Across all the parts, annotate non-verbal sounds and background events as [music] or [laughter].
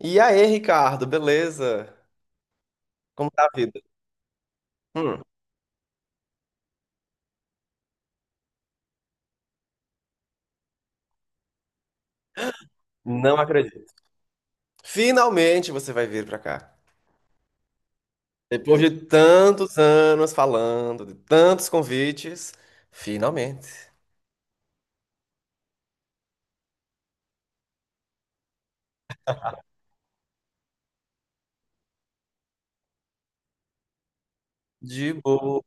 E aí, Ricardo, beleza? Como tá a vida? Hum, não acredito. Finalmente você vai vir pra cá. Depois de tantos anos falando, de tantos convites, finalmente. De boa.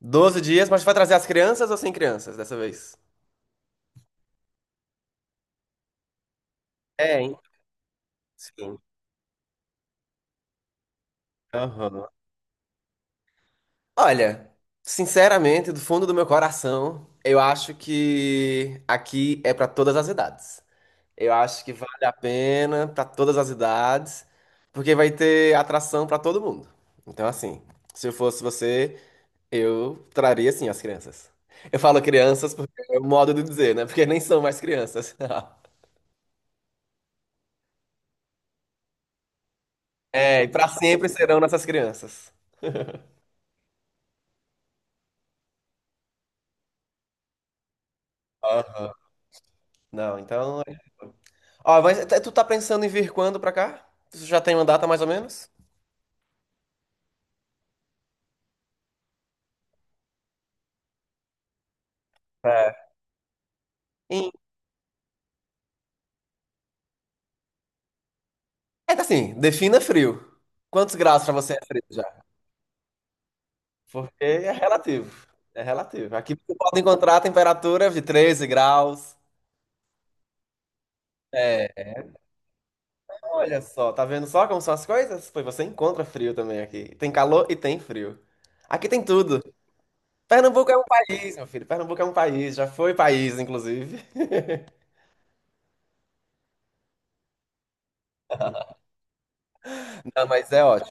12 dias, mas vai trazer as crianças ou sem crianças dessa vez? É, hein? Sim. Aham. Olha, sinceramente, do fundo do meu coração, eu acho que aqui é pra todas as idades. Eu acho que vale a pena para todas as idades, porque vai ter atração para todo mundo. Então, assim, se eu fosse você, eu traria assim as crianças. Eu falo crianças porque é o modo de dizer, né? Porque nem são mais crianças. [laughs] É, e para sempre serão nossas crianças. Aham. Não, então. Ó, mas tu tá pensando em vir quando pra cá? Tu já tem uma data mais ou menos? É. Em- É assim, defina frio. Quantos graus pra você é frio? Porque é relativo. É relativo. Aqui você pode encontrar temperaturas de 13 graus. É, olha só, tá vendo só como são as coisas? Pois você encontra frio também aqui. Tem calor e tem frio. Aqui tem tudo. Pernambuco é um país, meu filho. Pernambuco é um país, já foi país, inclusive. Não, mas é ótimo.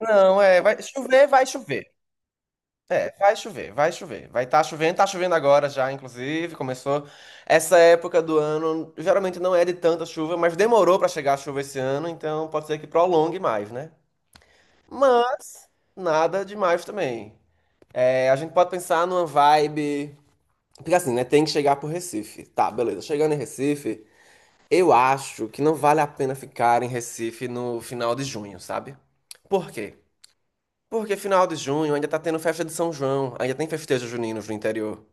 Não, é, vai chover, vai chover. É, vai chover, vai chover. Vai estar chovendo, tá chovendo agora já, inclusive, começou. Essa época do ano geralmente não é de tanta chuva, mas demorou para chegar a chuva esse ano, então pode ser que prolongue mais, né? Mas nada demais também. É, a gente pode pensar numa vibe, porque assim, né, tem que chegar pro Recife. Tá, beleza. Chegando em Recife, eu acho que não vale a pena ficar em Recife no final de junho, sabe? Por quê? Porque final de junho ainda tá tendo festa de São João, ainda tem festejo juninos no interior.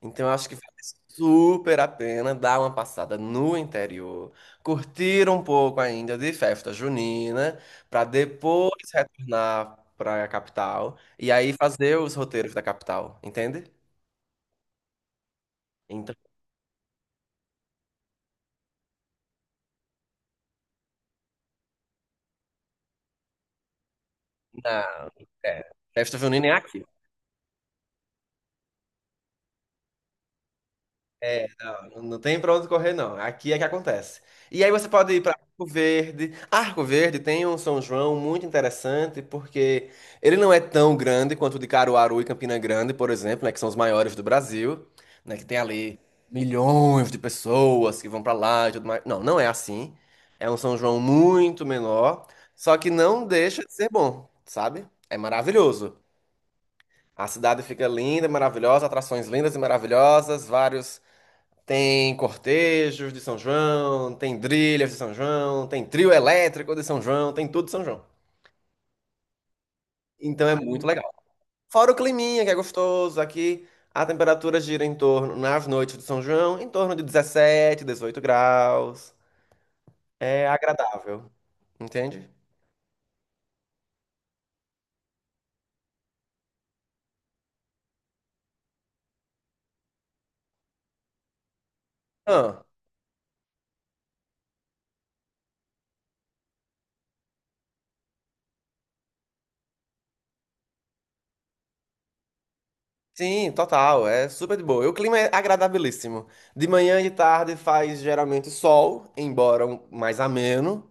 Então, eu acho que vale super a pena dar uma passada no interior, curtir um pouco ainda de festa junina, para depois retornar para a capital e aí fazer os roteiros da capital, entende? Então, na, é, festa junina é aqui. É, não, não tem pra onde correr, não. Aqui é que acontece. E aí você pode ir para Arco Verde. Arco Verde tem um São João muito interessante, porque ele não é tão grande quanto o de Caruaru e Campina Grande, por exemplo, né, que são os maiores do Brasil, né, que tem ali milhões de pessoas que vão pra lá e tudo mais. Não, não é assim. É um São João muito menor, só que não deixa de ser bom, sabe? É maravilhoso. A cidade fica linda, maravilhosa, atrações lindas e maravilhosas, vários tem cortejos de São João, tem trilhas de São João, tem trio elétrico de São João, tem tudo de São João. Então é muito legal. Fora o climinha, que é gostoso, aqui a temperatura gira em torno, nas noites de São João, em torno de 17, 18 graus. É agradável, entende? Ah, sim, total, é super de boa. E o clima é agradabilíssimo. De manhã e de tarde faz geralmente sol, embora mais ameno.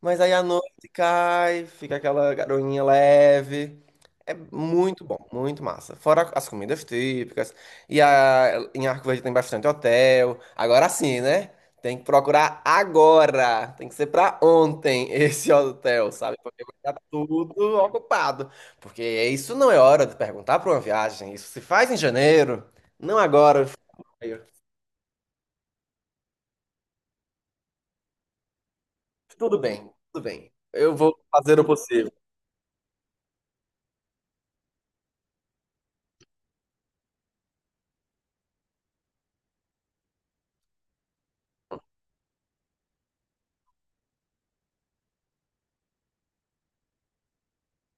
Mas aí a noite cai, fica aquela garoinha leve. É muito bom, muito massa. Fora as comidas típicas. E em Arco Verde tem bastante hotel. Agora sim, né? Tem que procurar agora. Tem que ser pra ontem [laughs] esse hotel, sabe? Porque vai estar tudo ocupado. Porque isso não é hora de perguntar pra uma viagem. Isso se faz em janeiro, não agora. Tudo bem, tudo bem. Eu vou fazer o possível.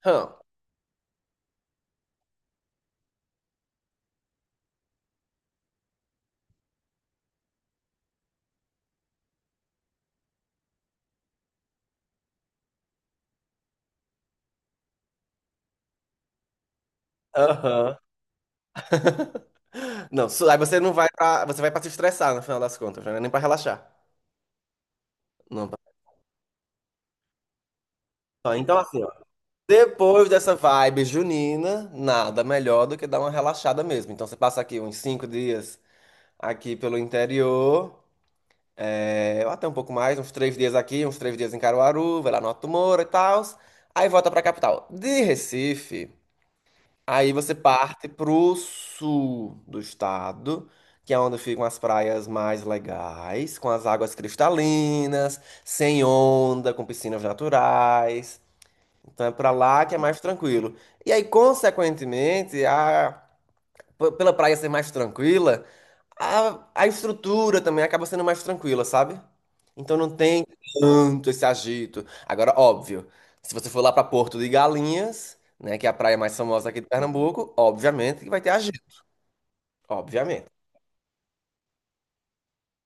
Hã, aham. Não, aí você não vai pra, você vai pra se estressar no final das contas, né? Nem pra relaxar. Não, ó, então, assim, ó. Depois dessa vibe junina, nada melhor do que dar uma relaxada mesmo. Então, você passa aqui uns 5 dias aqui pelo interior, é, ou até um pouco mais, uns 3 dias aqui, uns 3 dias em Caruaru, vai lá no Alto Moura e tal. Aí volta pra capital. De Recife. Aí você parte pro sul do estado, que é onde ficam as praias mais legais, com as águas cristalinas, sem onda, com piscinas naturais. Então é pra lá que é mais tranquilo. E aí, consequentemente, pela praia ser mais tranquila, a estrutura também acaba sendo mais tranquila, sabe? Então não tem tanto esse agito. Agora, óbvio, se você for lá pra Porto de Galinhas, né, que é a praia mais famosa aqui de Pernambuco, obviamente que vai ter agito, obviamente.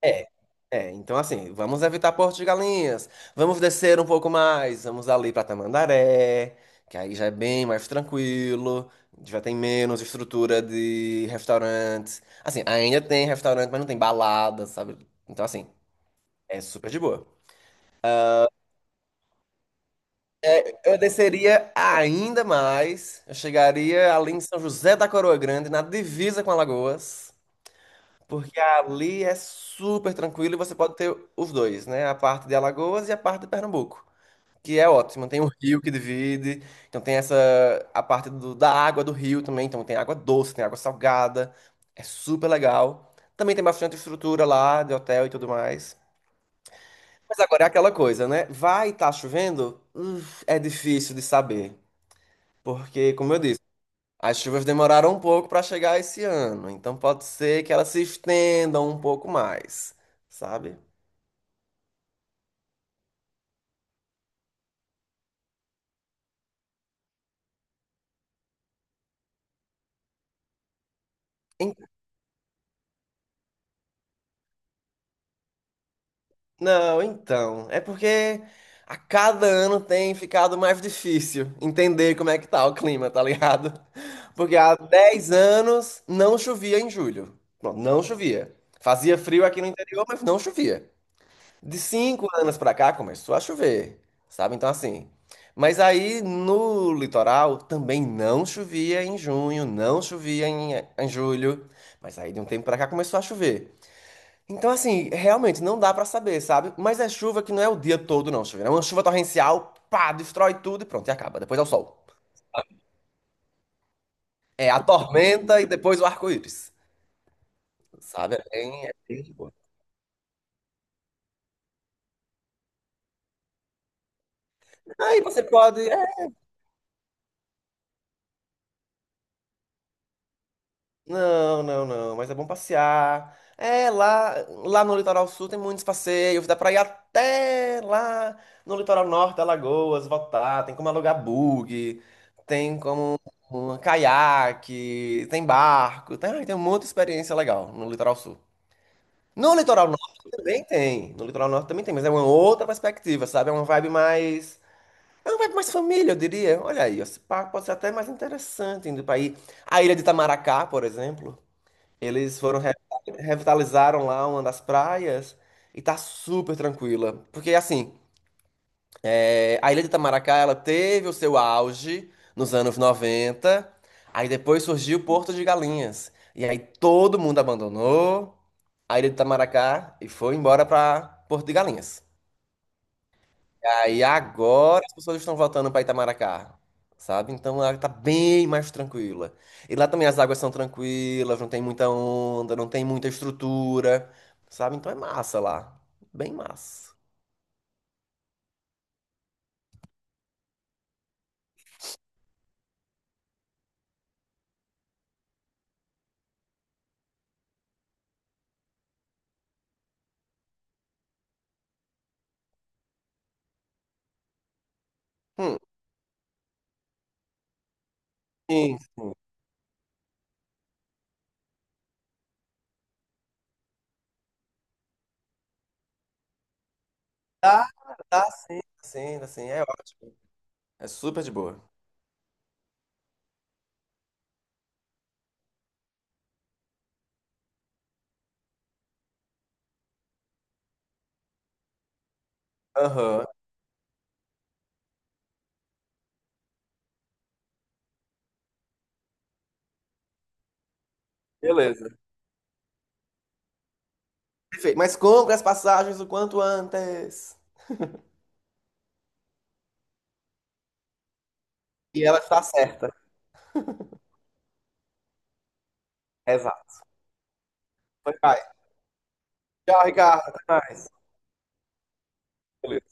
É, é. Então assim, vamos evitar Porto de Galinhas, vamos descer um pouco mais, vamos ali pra Tamandaré, que aí já é bem mais tranquilo, já tem menos estrutura de restaurantes. Assim, ainda tem restaurante, mas não tem balada, sabe? Então assim é super de boa. Eu desceria ainda mais. Eu chegaria ali em São José da Coroa Grande, na divisa com Alagoas, porque ali é super tranquilo e você pode ter os dois, né? A parte de Alagoas e a parte de Pernambuco, que é ótimo. Tem um rio que divide, então tem essa a parte da água do rio também, então tem água doce, tem água salgada. É super legal. Também tem bastante estrutura lá de hotel e tudo mais. Mas agora é aquela coisa, né? Vai estar chovendo? É difícil de saber. Porque, como eu disse, as chuvas demoraram um pouco para chegar esse ano, então pode ser que elas se estendam um pouco mais, sabe? En- Não, então, é porque a cada ano tem ficado mais difícil entender como é que tá o clima, tá ligado? [laughs] Porque há 10 anos não chovia em julho. Pronto, não chovia. Fazia frio aqui no interior, mas não chovia. De 5 anos pra cá começou a chover, sabe? Então, assim. Mas aí no litoral também não chovia em junho, não chovia em julho. Mas aí de um tempo pra cá começou a chover. Então, assim, realmente não dá pra saber, sabe? Mas é chuva que não é o dia todo, não, chuva. É uma chuva torrencial, pá, destrói tudo e pronto, e acaba. Depois é o sol. É a tormenta e depois o arco-íris, sabe? É bem de boa. Aí você pode. Não, não, não, mas é bom passear. É, lá no litoral sul tem muitos passeios, dá pra ir até lá no litoral norte, Alagoas, voltar, tem como alugar bug, tem como um caiaque, tem barco, tem muita experiência legal no litoral sul. No litoral norte também tem, no litoral norte também tem, mas é uma outra perspectiva, sabe? É uma vibe mais família, eu diria. Olha aí, esse parque pode ser até mais interessante indo pra ir. A Ilha de Itamaracá, por exemplo. Eles foram revitalizaram lá uma das praias e tá super tranquila. Porque assim, é, a Ilha de Itamaracá, ela teve o seu auge nos anos 90 aí depois surgiu o Porto de Galinhas. E aí todo mundo abandonou a Ilha de Itamaracá e foi embora pra Porto de Galinhas. Aí agora as pessoas estão voltando para Itamaracá, sabe? Então ela tá bem mais tranquila. E lá também as águas são tranquilas, não tem muita onda, não tem muita estrutura, sabe? Então é massa lá. Bem massa. Hum, sim. Tá, tá, sim, sim, assim, é ótimo. É super de boa. Aham, beleza. Perfeito. Mas compre as passagens o quanto antes. E ela está certa. Exato. Vai. Tchau, Ricardo. Até mais. Beleza.